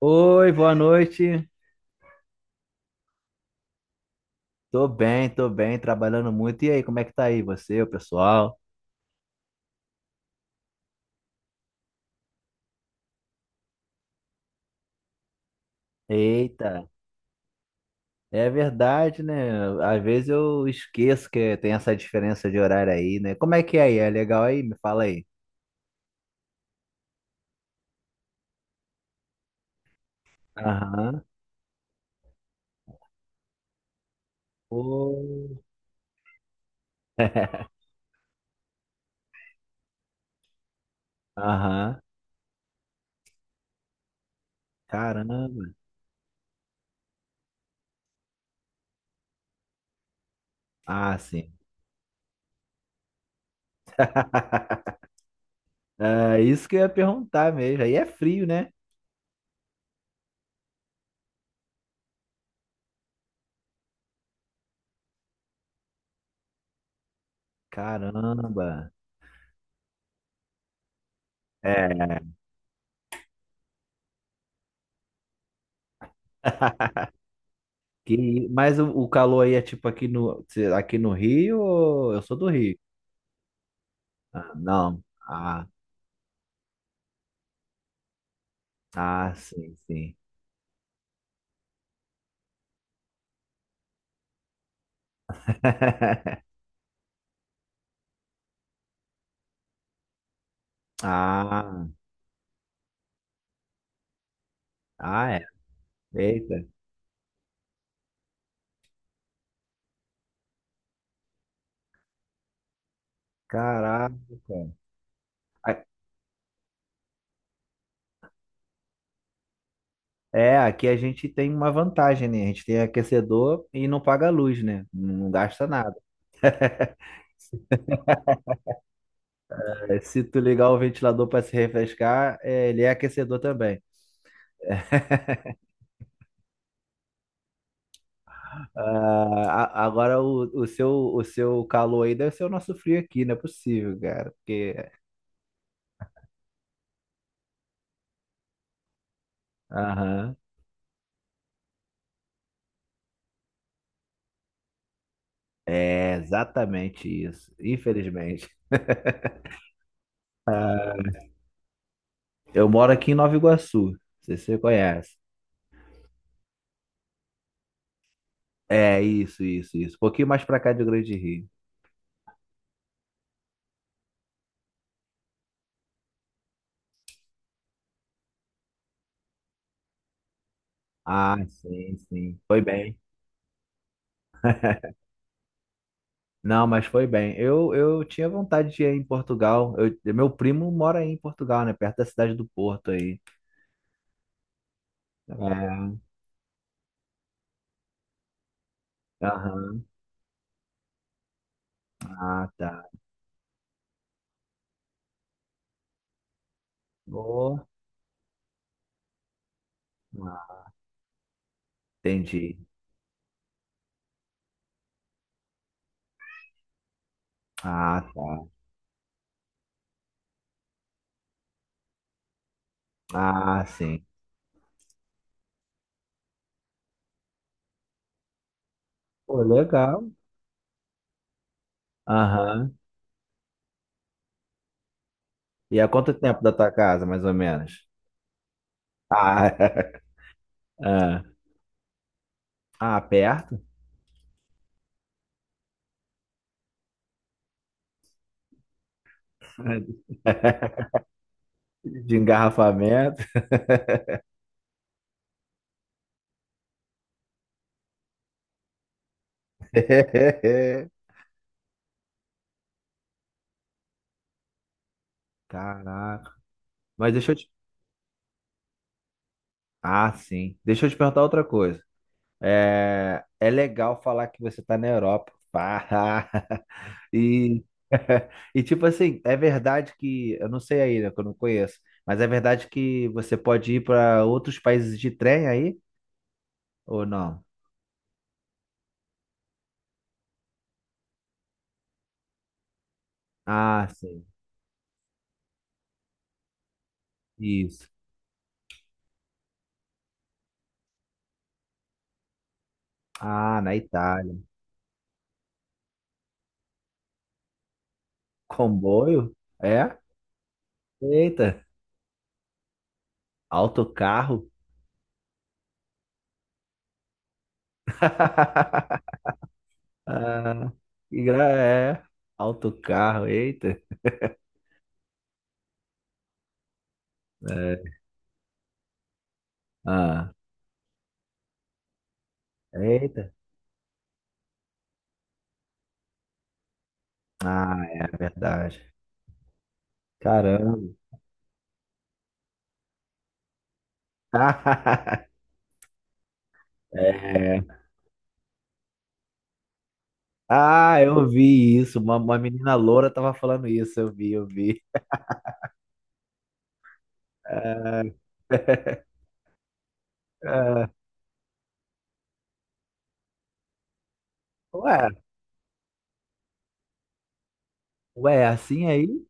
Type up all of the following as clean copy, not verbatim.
Oi, boa noite. Tô bem, trabalhando muito. E aí, como é que tá aí você, o pessoal? Eita, é verdade, né? Às vezes eu esqueço que tem essa diferença de horário aí, né? Como é que é aí? É legal aí? Me fala aí. Aham. Pô. Aham. Caramba. Ah, sim. É isso que eu ia perguntar mesmo. Aí é frio, né? Caramba. É. Que, mas o calor aí é tipo aqui aqui no Rio, ou- eu sou do Rio. Ah, não. Ah, ah, sim, sim. Ah, ah, é. Eita, caraca. A- é, aqui a gente tem uma vantagem, né? A gente tem aquecedor e não paga luz, né? Não gasta nada. É, se tu ligar o ventilador para se refrescar, é, ele é aquecedor também. Ah, a- agora o seu, o seu calor aí deve ser o nosso frio aqui, não é possível, cara. Porque aham. É exatamente isso. Infelizmente. Eu moro aqui em Nova Iguaçu. Não sei se você conhece. É, isso, isso, isso. Um pouquinho mais pra cá de Grande Rio. Ah, sim, sim. Foi bem. Não, mas foi bem. Eu tinha vontade de ir em Portugal. Eu- meu primo mora aí em Portugal, né? Perto da cidade do Porto aí. É. Aham. Ah, tá. Boa. Ah, entendi. Ah, tá. Ah, sim. Pô, legal. Aham. E há quanto tempo da tua casa, mais ou menos? Ah, ah, ah, perto de engarrafamento. Caraca. Mas deixa eu te... Ah, sim. Deixa eu te perguntar outra coisa. É, é legal falar que você tá na Europa. Pá. E, e tipo assim, é verdade que... Eu não sei aí, né? Que eu não conheço. Mas é verdade que você pode ir para outros países de trem aí? Ou não? Ah, sim. Isso. Ah, na Itália. Comboio? É? Eita, autocarro. Ah, que gra... É, autocarro, eita. É. Ah, eita. Ah, é verdade. Caramba. É. Ah, eu vi isso. Uma menina loura tava falando isso. Eu vi, eu vi. Ah, ah. Ué, ué, assim aí?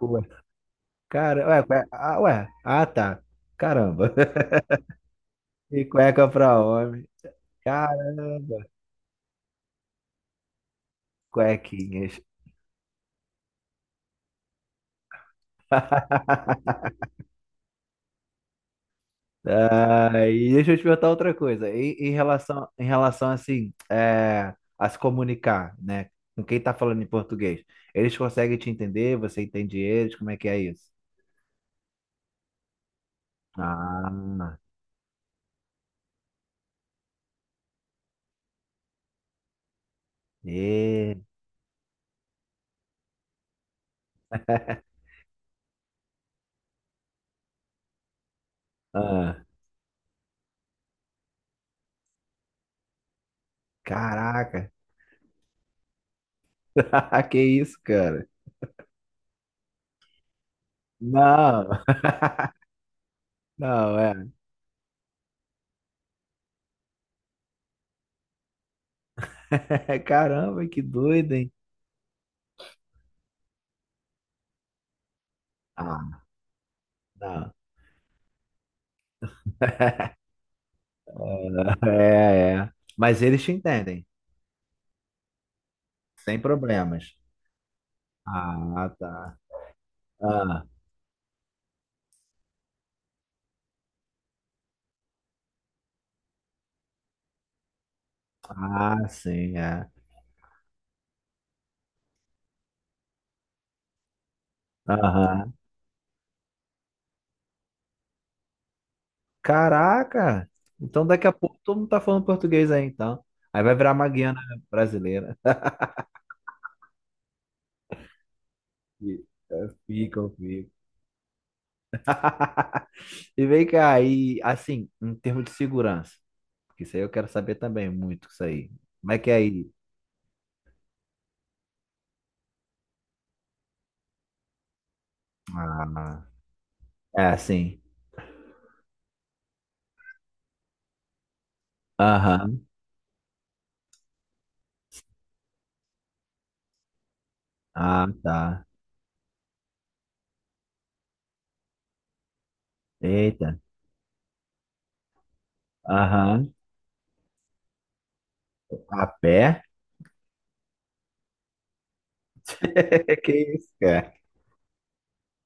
Ué, cara, ué, ué, ah, tá. Caramba. E cueca pra homem. Caramba, cuequinhas. Ah, e deixa eu te perguntar outra coisa. Em relação, em relação assim, é, a se comunicar, né? Com quem tá falando em português. Eles conseguem te entender? Você entende eles? Como é que é isso? Ah, e, ah, caraca. Que isso, cara? Não. Não, é. Caramba, que doido, hein? Ah, não. É, é. É. Mas eles te entendem, sem problemas. Ah, tá. Ah, ah, sim, é. Aham. Caraca! Então daqui a pouco todo mundo tá falando português aí, então. Aí vai virar uma Guiana brasileira. E- é, fica, fica. E vem cá, e assim, em termos de segurança, porque isso aí eu quero saber também muito, isso aí. Como é que é aí? Ah, é assim. Aham. Ah, tá. Eita. Aham. A pé? Que isso, cara?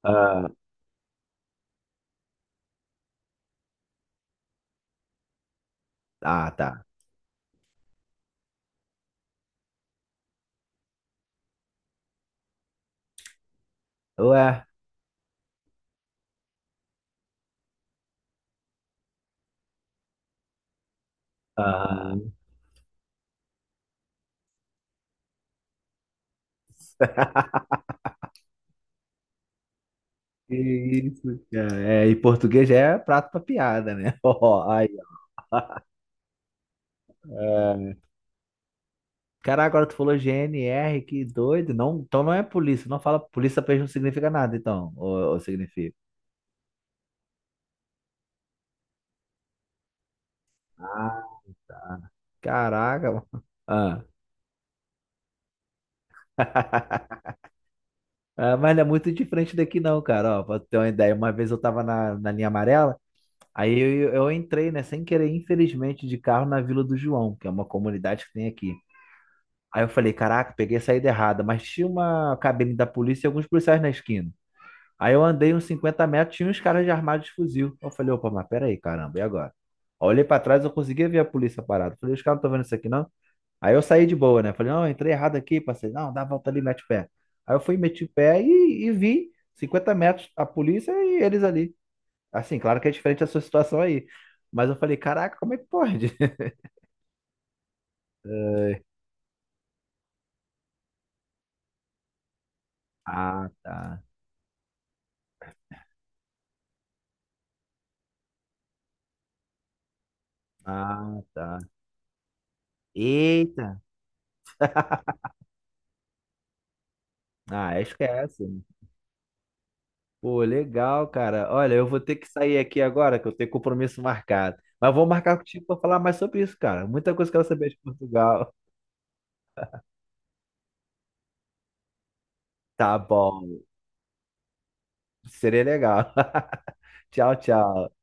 Ah, ah, tá. Ué, ah, que isso, cara? É, em português já é prato pra piada, né? Ó, aí, ó. É. Cara, agora tu falou GNR, que doido. Não, então não é polícia. Não fala polícia pra eles não significa nada, então. Ou significa? Ah, caraca, mano. Ah, ah, mas não é muito diferente daqui, não, cara. Ó, pra tu ter uma ideia, uma vez eu tava na, na linha amarela. Aí eu entrei, né, sem querer, infelizmente, de carro na Vila do João, que é uma comunidade que tem aqui. Aí eu falei, caraca, peguei a saída errada, mas tinha uma cabine da polícia e alguns policiais na esquina. Aí eu andei uns 50 metros, tinha uns caras de armados de fuzil. Eu falei, opa, mas peraí, caramba, e agora? Aí eu olhei pra trás, eu conseguia ver a polícia parada. Falei, os caras não estão vendo isso aqui, não? Aí eu saí de boa, né? Falei, não, entrei errado aqui, passei, não, dá a volta ali, mete o pé. Aí eu fui, meti o pé e vi 50 metros a polícia e eles ali. Assim, claro que é diferente a sua situação aí. Mas eu falei, caraca, como é que pode? Ai, ah, tá. Ah, tá. Eita. Ah, esquece. Pô, legal, cara. Olha, eu vou ter que sair aqui agora, que eu tenho compromisso marcado. Mas vou marcar contigo para falar mais sobre isso, cara. Muita coisa que eu quero saber de Portugal. Tá bom. Seria legal. Tchau, tchau.